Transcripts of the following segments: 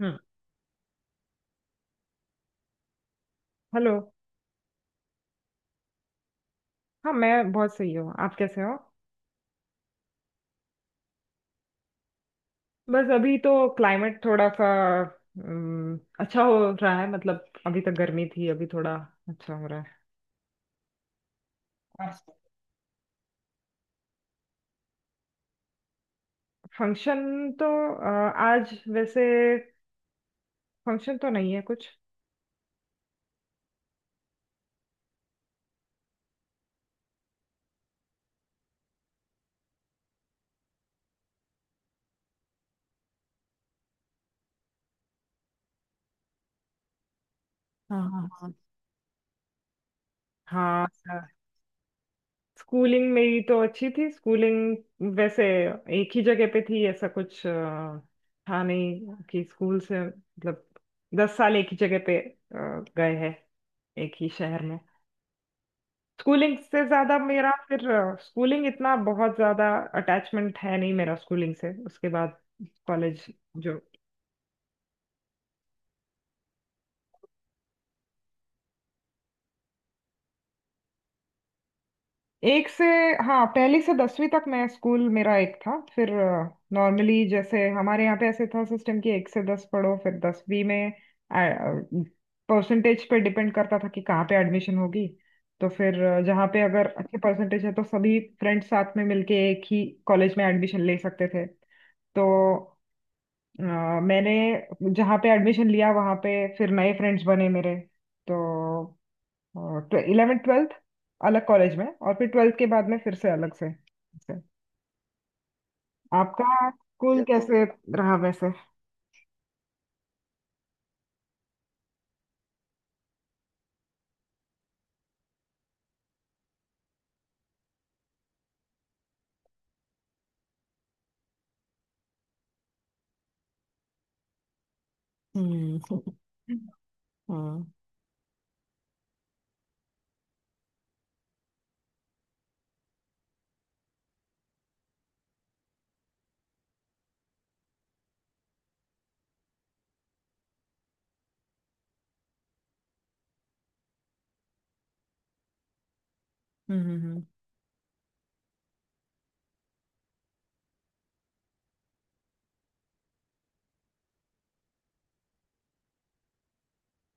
हम्म। Hello. हाँ, मैं बहुत सही हूँ। आप कैसे हो? बस अभी तो क्लाइमेट थोड़ा सा अच्छा हो रहा है। मतलब अभी तक गर्मी थी, अभी थोड़ा अच्छा हो रहा है। फंक्शन तो आज वैसे फंक्शन तो नहीं है कुछ। हाँ, हाँ, हाँ। स्कूलिंग मेरी तो अच्छी थी। स्कूलिंग वैसे एक ही जगह पे थी, ऐसा कुछ था नहीं कि स्कूल से, मतलब 10 साल एक ही जगह पे गए हैं, एक ही शहर में। स्कूलिंग से ज्यादा मेरा फिर स्कूलिंग इतना बहुत ज्यादा अटैचमेंट है नहीं मेरा स्कूलिंग से। उसके बाद कॉलेज, जो एक से, हाँ, पहली से 10वीं तक मैं स्कूल मेरा एक था। फिर नॉर्मली, जैसे हमारे यहाँ पे ऐसे था सिस्टम कि एक से 10 पढ़ो, फिर 10वीं में परसेंटेज पे डिपेंड करता था कि कहाँ पे एडमिशन होगी। तो फिर जहाँ पे अगर अच्छे परसेंटेज है तो सभी फ्रेंड्स साथ में मिलके एक ही कॉलेज में एडमिशन ले सकते थे। तो अ, मैंने जहाँ पे एडमिशन लिया वहाँ पे फिर नए फ्रेंड्स बने मेरे। तो इलेवेंथ ट्वेल्थ अलग कॉलेज में, और फिर ट्वेल्थ के बाद में फिर से अलग से। आपका स्कूल ये तो कैसे रहा वैसे? हम्म। हम्म, हम्म,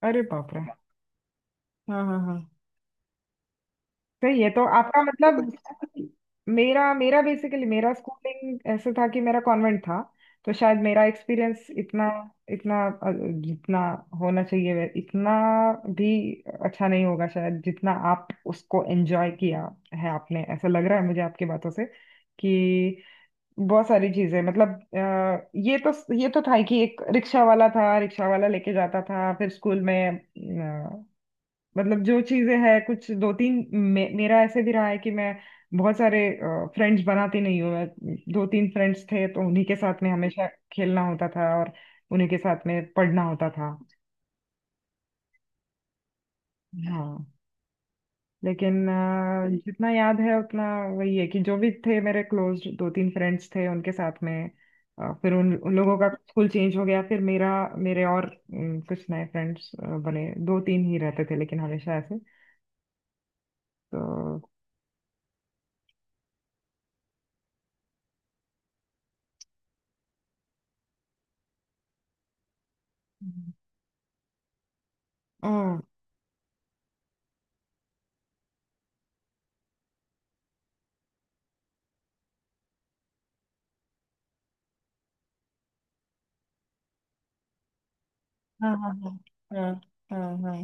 अरे बाप रे! हाँ, हाँ, हाँ। सही है, तो आपका मतलब। मेरा मेरा बेसिकली, मेरा स्कूलिंग ऐसे था कि मेरा कॉन्वेंट था। तो शायद मेरा एक्सपीरियंस इतना इतना अ, जितना होना चाहिए इतना भी अच्छा नहीं होगा शायद, जितना आप उसको एंजॉय किया है आपने। ऐसा लग रहा है मुझे आपकी बातों से कि बहुत सारी चीजें मतलब ये तो था ही कि एक रिक्शा वाला था, रिक्शा वाला लेके जाता था फिर स्कूल में। मतलब जो चीजें हैं, कुछ दो तीन मेरा ऐसे भी रहा है कि मैं बहुत सारे फ्रेंड्स बनाती नहीं हूँ। मैं दो तीन फ्रेंड्स थे तो उन्हीं के साथ में हमेशा खेलना होता था और उन्हीं के साथ में पढ़ना होता था। हाँ, लेकिन जितना याद है उतना वही है कि जो भी थे मेरे क्लोज दो तीन फ्रेंड्स थे, उनके साथ में फिर उन उन लोगों का स्कूल चेंज हो गया। फिर मेरा, मेरे और कुछ नए फ्रेंड्स बने, दो तीन ही रहते थे लेकिन हमेशा ऐसे। तो हाँ, हाँ, हाँ, हाँ, हाँ, हाँ।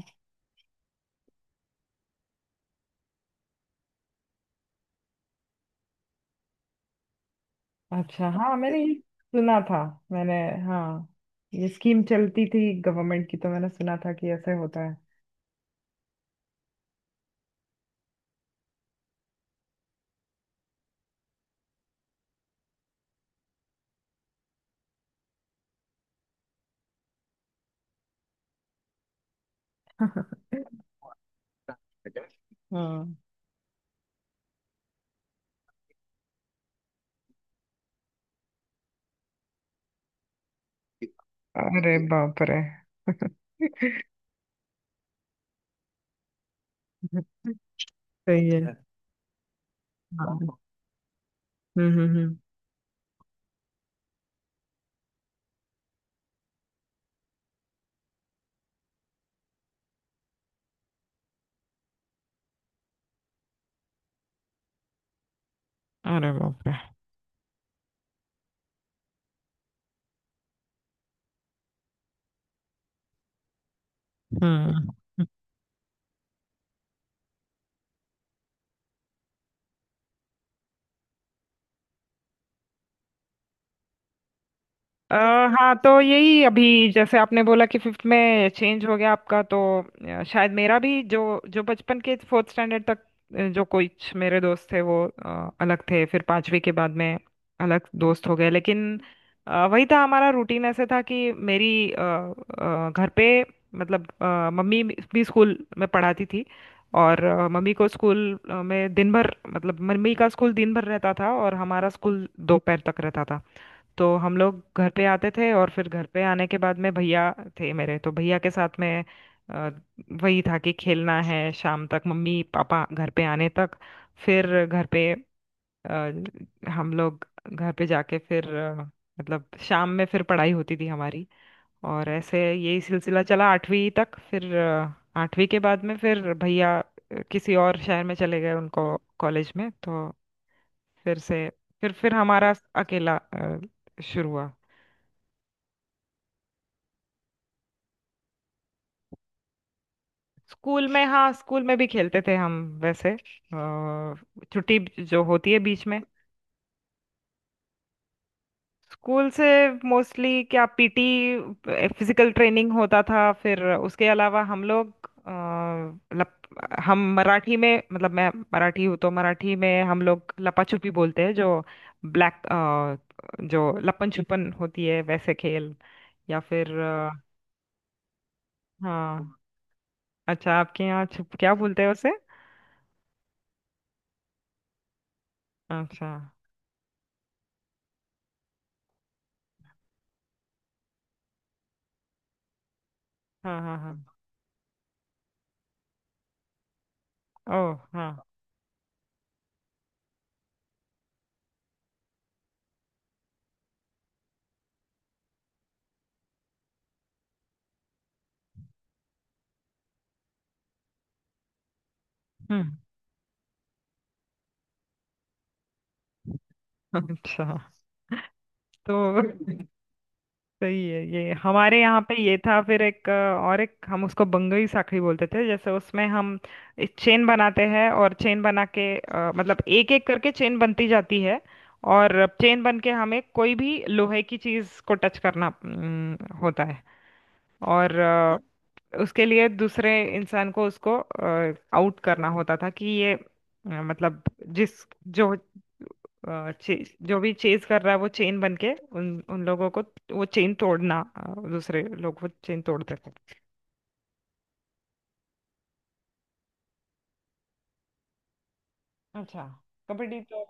अच्छा, हाँ, मैंने ये सुना था। मैंने, हाँ, ये स्कीम चलती थी गवर्नमेंट की, तो मैंने सुना था कि ऐसे होता है। हाँ। अरे बाप रे! सही है। हाँ, हम्म, हम्म, हम्म। अरे बाप रे! हम्म। अ, हाँ, तो यही अभी जैसे आपने बोला कि फिफ्थ में चेंज हो गया आपका। तो शायद मेरा भी जो जो बचपन के फोर्थ स्टैंडर्ड तक जो कुछ मेरे दोस्त थे वो अलग थे, फिर पांचवी के बाद में अलग दोस्त हो गए। लेकिन वही था हमारा रूटीन, ऐसे था कि मेरी घर पे, मतलब मम्मी भी स्कूल में पढ़ाती थी। और मम्मी को स्कूल में दिन भर, मतलब मम्मी का स्कूल दिन भर रहता था और हमारा स्कूल दोपहर तक रहता था। तो हम लोग घर पे आते थे और फिर घर पे आने के बाद में भैया थे मेरे, तो भैया के साथ में अ, वही था कि खेलना है शाम तक, मम्मी पापा घर पे आने तक। फिर घर पे अ, हम लोग घर पे जाके फिर मतलब शाम में फिर पढ़ाई होती थी हमारी। और ऐसे यही सिलसिला चला आठवीं तक। फिर आठवीं के बाद में फिर भैया किसी और शहर में चले गए, उनको कॉलेज में। तो फिर से फिर हमारा अकेला शुरू हुआ। स्कूल में, हाँ, स्कूल में भी खेलते थे हम। वैसे छुट्टी जो होती है बीच में स्कूल से, मोस्टली क्या, पीटी, फिजिकल ट्रेनिंग होता था। फिर उसके अलावा हम लोग अ, लप, हम मराठी में, मतलब मैं मराठी हूँ, तो मराठी में हम लोग लपा छुपी बोलते हैं, जो ब्लैक जो लपन छुपन होती है, वैसे खेल, या फिर हाँ। अच्छा, आपके यहाँ छुप क्या बोलते हैं उसे? अच्छा। हाँ, हाँ, हाँ। ओ, हाँ, हम्म। अच्छा। तो सही है, ये हमारे यहाँ पे ये था। फिर एक और एक, हम उसको बंगई साखड़ी बोलते थे। जैसे उसमें हम चेन बनाते हैं, और चेन बना के मतलब एक एक करके चेन बनती जाती है। और चेन बन के हमें कोई भी लोहे की चीज को टच करना होता है। और उसके लिए दूसरे इंसान को उसको आउट करना होता था कि ये मतलब जिस जो जो भी चेज कर रहा है वो चेन बन के उन उन लोगों को, वो चेन तोड़ना दूसरे लोग वो चेन तोड़ते थे। अच्छा। कबड्डी तो?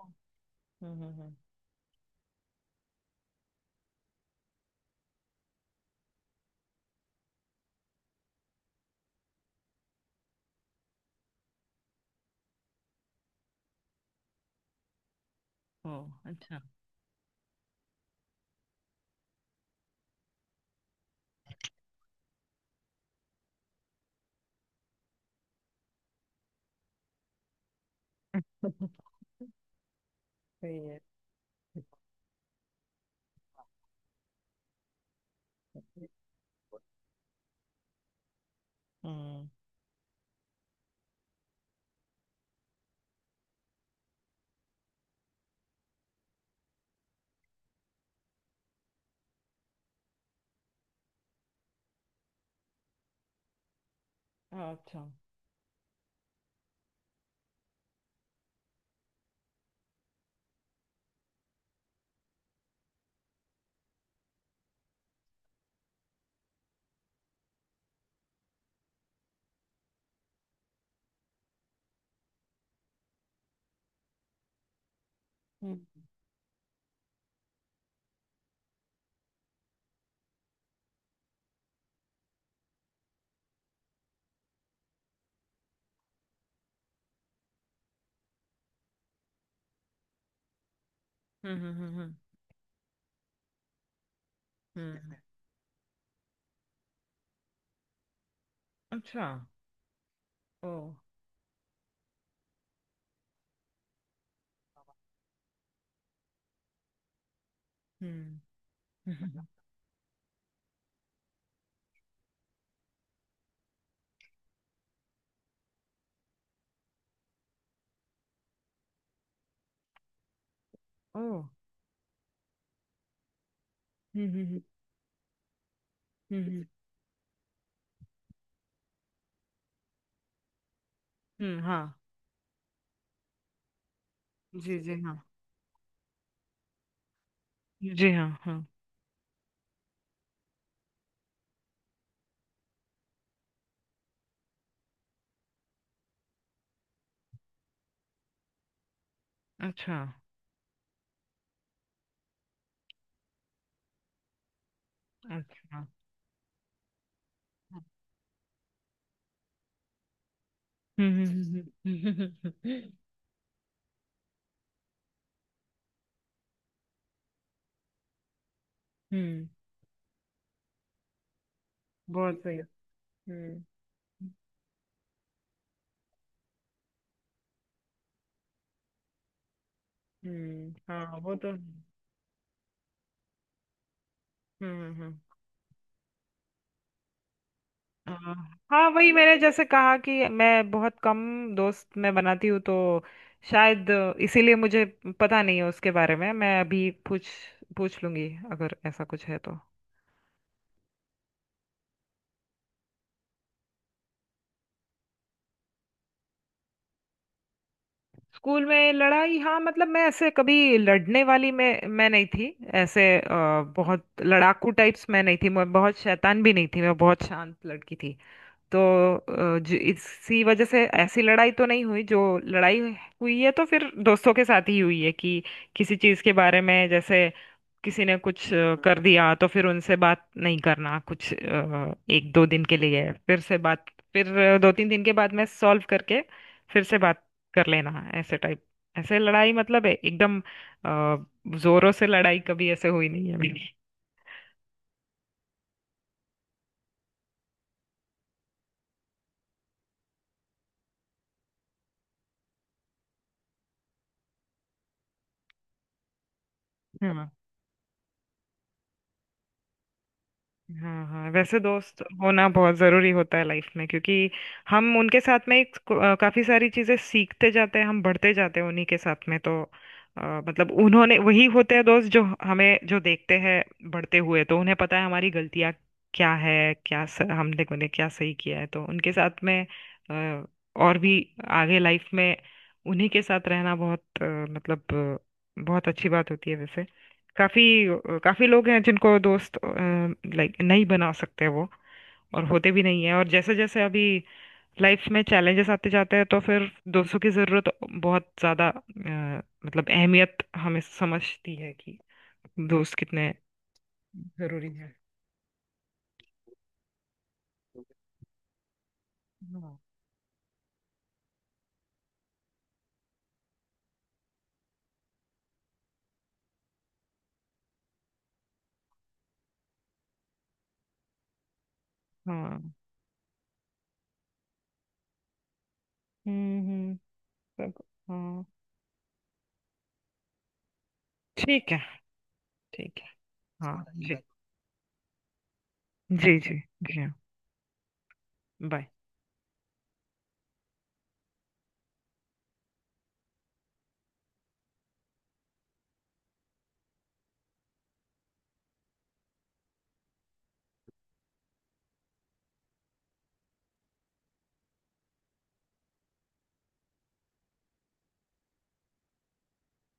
हम्म, हम्म, हम्म। ओ, अच्छा। सही है। हम्म। अच्छा, हम्म, हम्म, हम्म, हम्म, हम्म। अच्छा। ओ, हम्म। ओ, हम्म, हम्म, हम्म, हम्म, हम्म। हाँ, जी, जी, हाँ, जी, हाँ, हाँ। अच्छा। अच्छा, हम्म, हम्म, हम्म, हम्म, हम्म। बहुत सही। हम्म, हम्म। हाँ, वो तो। हम्म, हम्म। हाँ, हाँ, वही मैंने जैसे कहा कि मैं बहुत कम दोस्त मैं बनाती हूँ, तो शायद इसीलिए मुझे पता नहीं है उसके बारे में। मैं अभी पूछ पूछ लूंगी अगर ऐसा कुछ है तो। स्कूल में लड़ाई? हाँ, मतलब मैं ऐसे कभी लड़ने वाली मैं नहीं थी। ऐसे बहुत लड़ाकू टाइप्स मैं नहीं थी, मैं बहुत शैतान भी नहीं थी, मैं बहुत शांत लड़की थी। तो इसी वजह से ऐसी लड़ाई तो नहीं हुई। जो लड़ाई हुई है तो फिर दोस्तों के साथ ही हुई है कि किसी चीज के बारे में, जैसे किसी ने कुछ कर दिया तो फिर उनसे बात नहीं करना कुछ एक दो दिन के लिए, फिर से बात। फिर दो तीन दिन के बाद में सॉल्व करके फिर से बात कर लेना, ऐसे टाइप। ऐसे लड़ाई मतलब है एकदम जोरों से, लड़ाई कभी ऐसे हुई नहीं है मेरी। हाँ, हाँ, वैसे दोस्त होना बहुत ज़रूरी होता है लाइफ में, क्योंकि हम उनके साथ में एक काफ़ी सारी चीज़ें सीखते जाते हैं, हम बढ़ते जाते हैं उन्हीं के साथ में। तो अ, मतलब उन्होंने, वही होते हैं दोस्त जो हमें जो देखते हैं बढ़ते हुए, तो उन्हें पता है हमारी गलतियाँ क्या है, हमने मैंने क्या सही किया है। तो उनके साथ में अ, और भी आगे लाइफ में उन्हीं के साथ रहना बहुत मतलब बहुत अच्छी बात होती है वैसे। काफी, काफी लोग हैं जिनको दोस्त लाइक नहीं बना सकते, वो और होते भी नहीं है। और जैसे जैसे अभी लाइफ में चैलेंजेस आते जाते हैं, तो फिर दोस्तों की जरूरत बहुत ज्यादा, मतलब अहमियत हमें समझती है कि दोस्त कितने जरूरी है। हाँ, हाँ, हम्म, सब। हाँ, ठीक है। ठीक है। हाँ, जी, जी, जी, जी, हाँ। बाय।